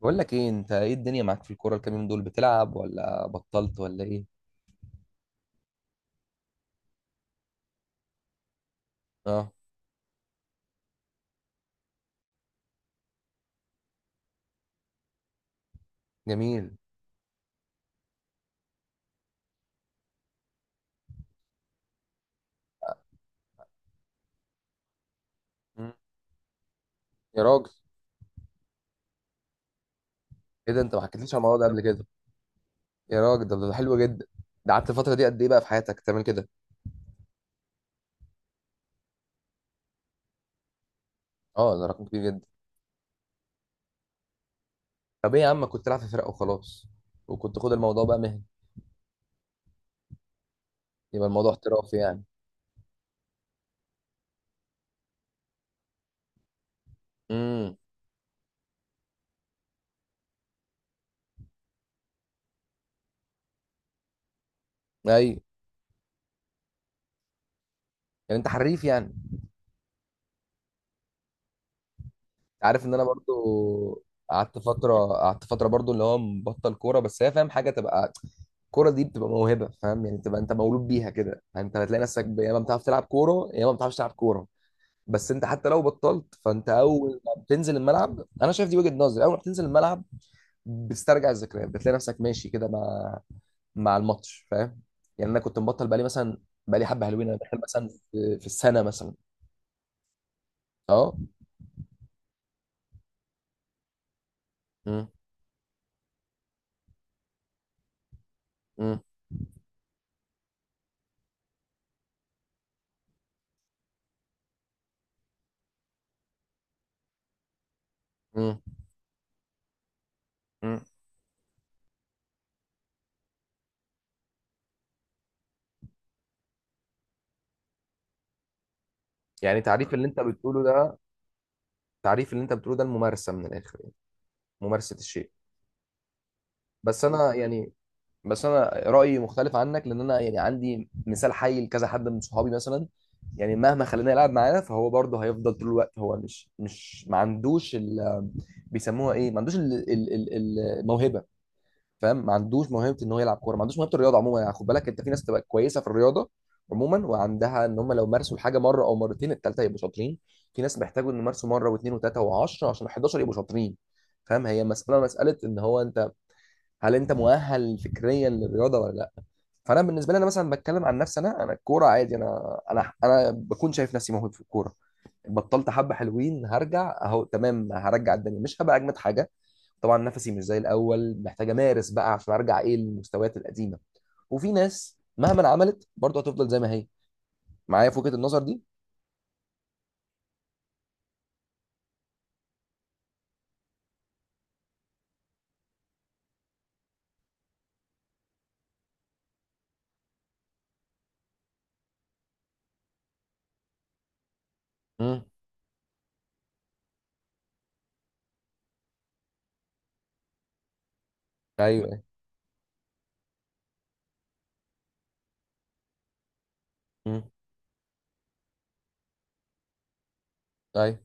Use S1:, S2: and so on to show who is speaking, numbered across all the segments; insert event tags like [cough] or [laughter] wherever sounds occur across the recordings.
S1: بقول لك ايه، انت ايه الدنيا معاك في الكوره؟ الكام يوم دول بتلعب ولا بطلت ولا ايه؟ اه. جميل. مم. يا راجل، ايه ده؟ انت ما حكيتليش على الموضوع ده قبل كده. يا راجل، ده حلو جدا. ده قعدت الفتره دي قد ايه بقى في حياتك تعمل كده؟ اه، ده رقم كبير جدا. طب ايه يا عم، كنت تلعب في فرق وخلاص، وكنت خد الموضوع بقى مهني، يبقى الموضوع احترافي يعني. امم. ايوه. يعني انت حريف يعني. عارف ان انا برضو قعدت فتره برضو اللي هو مبطل كوره، بس هي فاهم، حاجه تبقى، الكوره دي بتبقى موهبه، فاهم؟ يعني تبقى انت مولود بيها كده، يعني انت هتلاقي نفسك يا اما بتعرف تلعب كوره، يا اما ما بتعرفش تلعب كوره. بس انت حتى لو بطلت، فانت اول ما بتنزل الملعب، انا شايف دي وجهه نظري، اول ما بتنزل الملعب بتسترجع الذكريات، بتلاقي نفسك ماشي كده مع الماتش، فاهم؟ يعني انا كنت مبطل بقالي مثلا، بقالي حبه حلوين انا داخل مثلا في السنه مثلا. اه. امم. امم. يعني تعريف اللي انت بتقوله ده، تعريف اللي انت بتقوله ده الممارسه من الاخر يعني، ممارسه الشيء. بس انا يعني، بس انا رايي مختلف عنك، لان انا يعني عندي مثال حي لكذا حد من صحابي مثلا. يعني مهما خلينا يلعب معاه، فهو برضه هيفضل طول الوقت هو مش ما عندوش ال، بيسموها ايه؟ ما عندوش الموهبه، فاهم؟ ما عندوش موهبه ان هو يلعب كوره، ما عندوش موهبه الرياضه عموما يعني. خد بالك، انت في ناس تبقى كويسه في الرياضه عموما، وعندها ان هم لو مارسوا الحاجه مره او مرتين التالته يبقوا شاطرين. في ناس بيحتاجوا ان يمارسوا مره واثنين وثلاثه و10 عشان 11 يبقوا شاطرين، فاهم؟ هي مساله ان هو انت، هل انت مؤهل فكريا للرياضه ولا لا؟ فانا بالنسبه لي، انا مثلا بتكلم عن نفسي، انا الكوره عادي، انا بكون شايف نفسي موهوب في الكوره. بطلت حبه حلوين، هرجع اهو تمام، هرجع الدنيا مش هبقى اجمد حاجه. طبعا نفسي مش زي الاول، محتاج امارس بقى عشان ارجع ايه للمستويات القديمه. وفي ناس مهما عملت برضه هتفضل زي ما هي. معايا في وجهه النظر دي؟ امم. ايوه. امم. ايوه.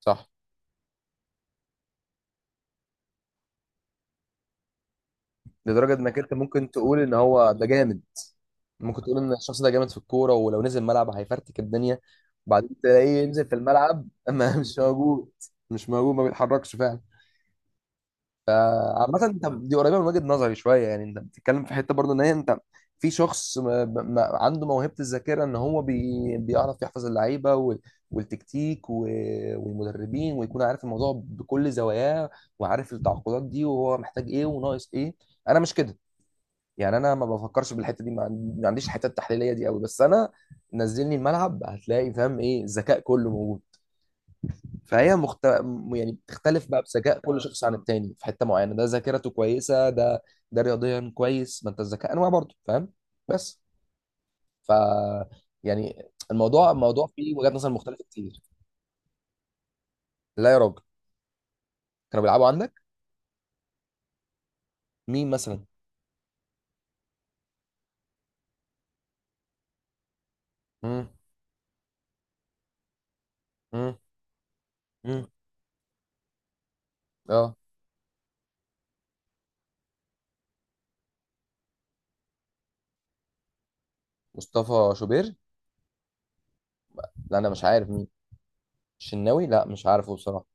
S1: صح. لدرجه انك انت ممكن تقول ان هو ده جامد. ممكن تقول ان الشخص ده جامد في الكوره، ولو نزل الملعب هيفرتك الدنيا، وبعدين تلاقيه ينزل في الملعب اما [laughs] مش موجود. مش موجود، ما بيتحركش فعلا. فعامة انت دي قريبة من وجهة نظري شوية، يعني انت بتتكلم في حتة برضو ان هي انت، في شخص ما ما عنده موهبة الذاكرة ان هو بيعرف يحفظ اللعيبة والتكتيك والمدربين، ويكون عارف الموضوع بكل زواياه، وعارف التعاقدات دي وهو محتاج ايه وناقص ايه. انا مش كده، يعني انا ما بفكرش بالحته دي، ما عنديش الحته التحليليه دي قوي. بس انا نزلني الملعب هتلاقي، فاهم؟ ايه، الذكاء كله موجود. فهي يعني بتختلف بقى بذكاء كل شخص عن التاني، في حته معينه ده ذاكرته كويسه، ده ده رياضيا كويس. ما انت الذكاء انواع برضه، فاهم؟ بس، ف يعني الموضوع فيه وجهات نظر مختلفه كتير. لا يا راجل، كانوا بيلعبوا عندك؟ مين مثلا؟ امم. امم. امم. اه. مصطفى شوبير؟ لا انا مش عارف مين. الشناوي؟ لا مش عارفه بصراحه.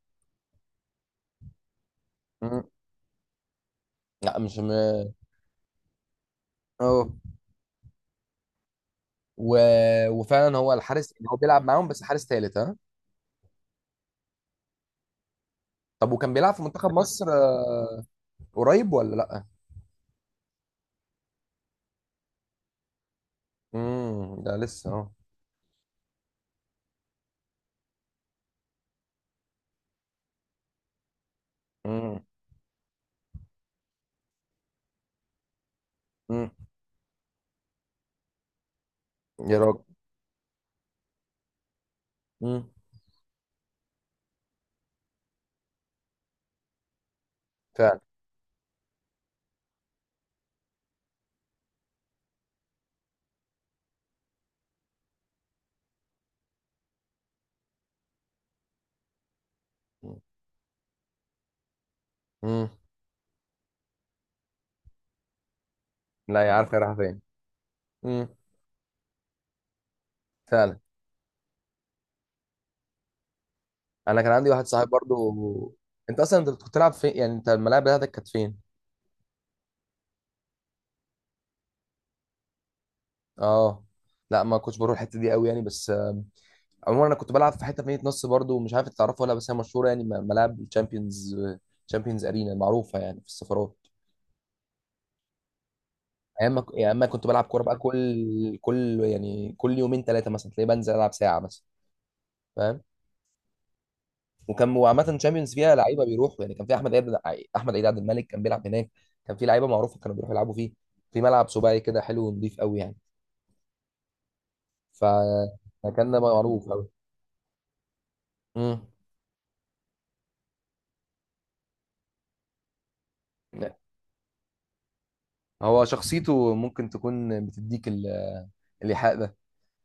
S1: لا مش اه. و... وفعلا هو الحارس يعني، هو بيلعب معاهم بس حارس ثالث، ها. طب وكان بيلعب في منتخب مصر؟ قريب ولا لا؟ امم، ده لسه اه. امم. امم. يا راجل. امم. فعلا. امم. لا، يا عارف هي رايحه فين. امم. فعلا. انا كان عندي واحد صاحبي برضو. انت اصلا، انت كنت بتلعب فين يعني؟ انت الملاعب بتاعتك كانت فين؟ اه. لا ما كنتش بروح الحته دي قوي يعني، بس. عموما انا كنت بلعب في حته في مدينه نصر برضو، مش عارف إنت تعرفها ولا، بس هي مشهوره يعني، ملاعب الشامبيونز، شامبيونز ارينا معروفه يعني، في السفارات. ايام ما كنت بلعب كوره بقى، كل يعني كل يومين ثلاثه مثلا تلاقي بنزل العب ساعه مثلا، فاهم؟ وعامه شامبيونز فيها لعيبه بيروحوا يعني، كان في احمد عيد، احمد عيد عبد الملك كان بيلعب هناك. كان في لعيبه معروفه كانوا بيروحوا يلعبوا فيه، في ملعب سباعي كده حلو ونضيف قوي يعني، فمكان ده معروف قوي. امم. هو شخصيته ممكن تكون بتديك الإيحاء ده،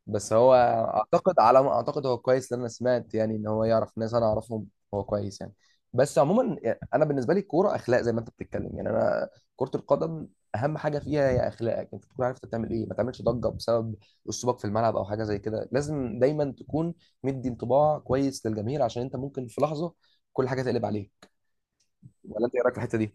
S1: بس هو، اعتقد على ما اعتقد هو كويس، لان انا سمعت يعني ان هو يعرف ناس انا اعرفهم، هو كويس يعني. بس عموما، يعني انا بالنسبه لي، الكوره اخلاق زي ما انت بتتكلم، يعني انا كره القدم اهم حاجه فيها هي اخلاقك، انت تكون عارف انت بتعمل ايه، ما تعملش ضجه بسبب اسلوبك في الملعب او حاجه زي كده، لازم دايما تكون مدي انطباع كويس للجماهير، عشان انت ممكن في لحظه كل حاجه تقلب عليك. ولا انت ايه رايك في الحته دي؟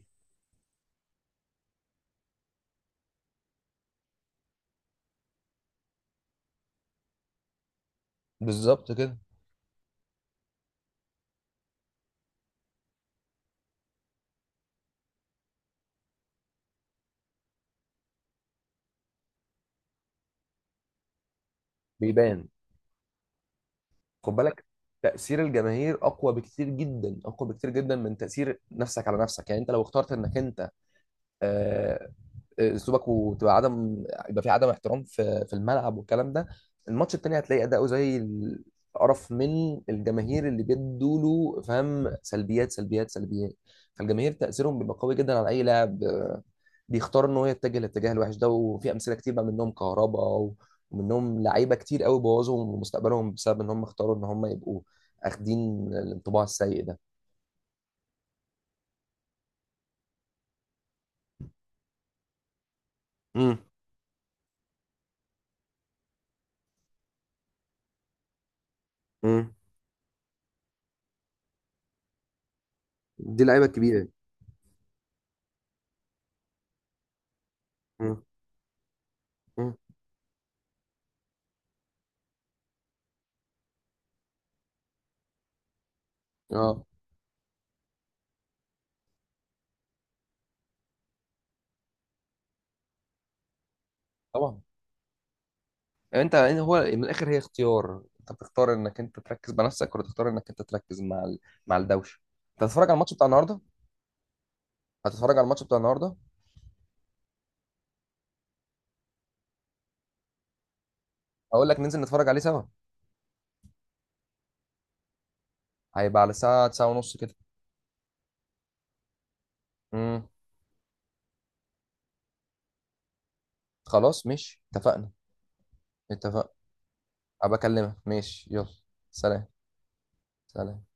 S1: بالظبط كده. بيبان. خد بالك، تأثير الجماهير أقوى بكتير جدا، أقوى بكتير جدا من تأثير نفسك على نفسك، يعني أنت لو اخترت إنك أنت آه، اسلوبك وتبقى عدم، يبقى في عدم احترام في الملعب والكلام ده، الماتش التاني هتلاقي اداؤه زي القرف، من الجماهير اللي بيدوا له، فهم سلبيات سلبيات سلبيات. فالجماهير تاثيرهم بيبقى قوي جدا على اي لاعب، بيختار ان هو يتجه للاتجاه الوحش ده، وفي امثله كتير بقى، منهم كهربا ومنهم لعيبه كتير قوي بوظوا مستقبلهم بسبب ان هم اختاروا ان هم يبقوا اخدين الانطباع السيء ده. امم. امم. دي لعيبه كبيره. امم. امم. اه. طبعا. انت إيه؟ هو من الاخر هي اختيار، انت بتختار انك انت تركز بنفسك، ولا تختار انك انت تركز مع مع الدوشه. انت هتتفرج على الماتش بتاع النهارده؟ هتتفرج على الماتش بتاع النهارده؟ اقول لك ننزل نتفرج عليه سوا. هيبقى على الساعه 9 ونص كده. امم. خلاص ماشي، اتفقنا. اتفقنا. ابقى اكلمك، ماشي يلا. سلام. سلام.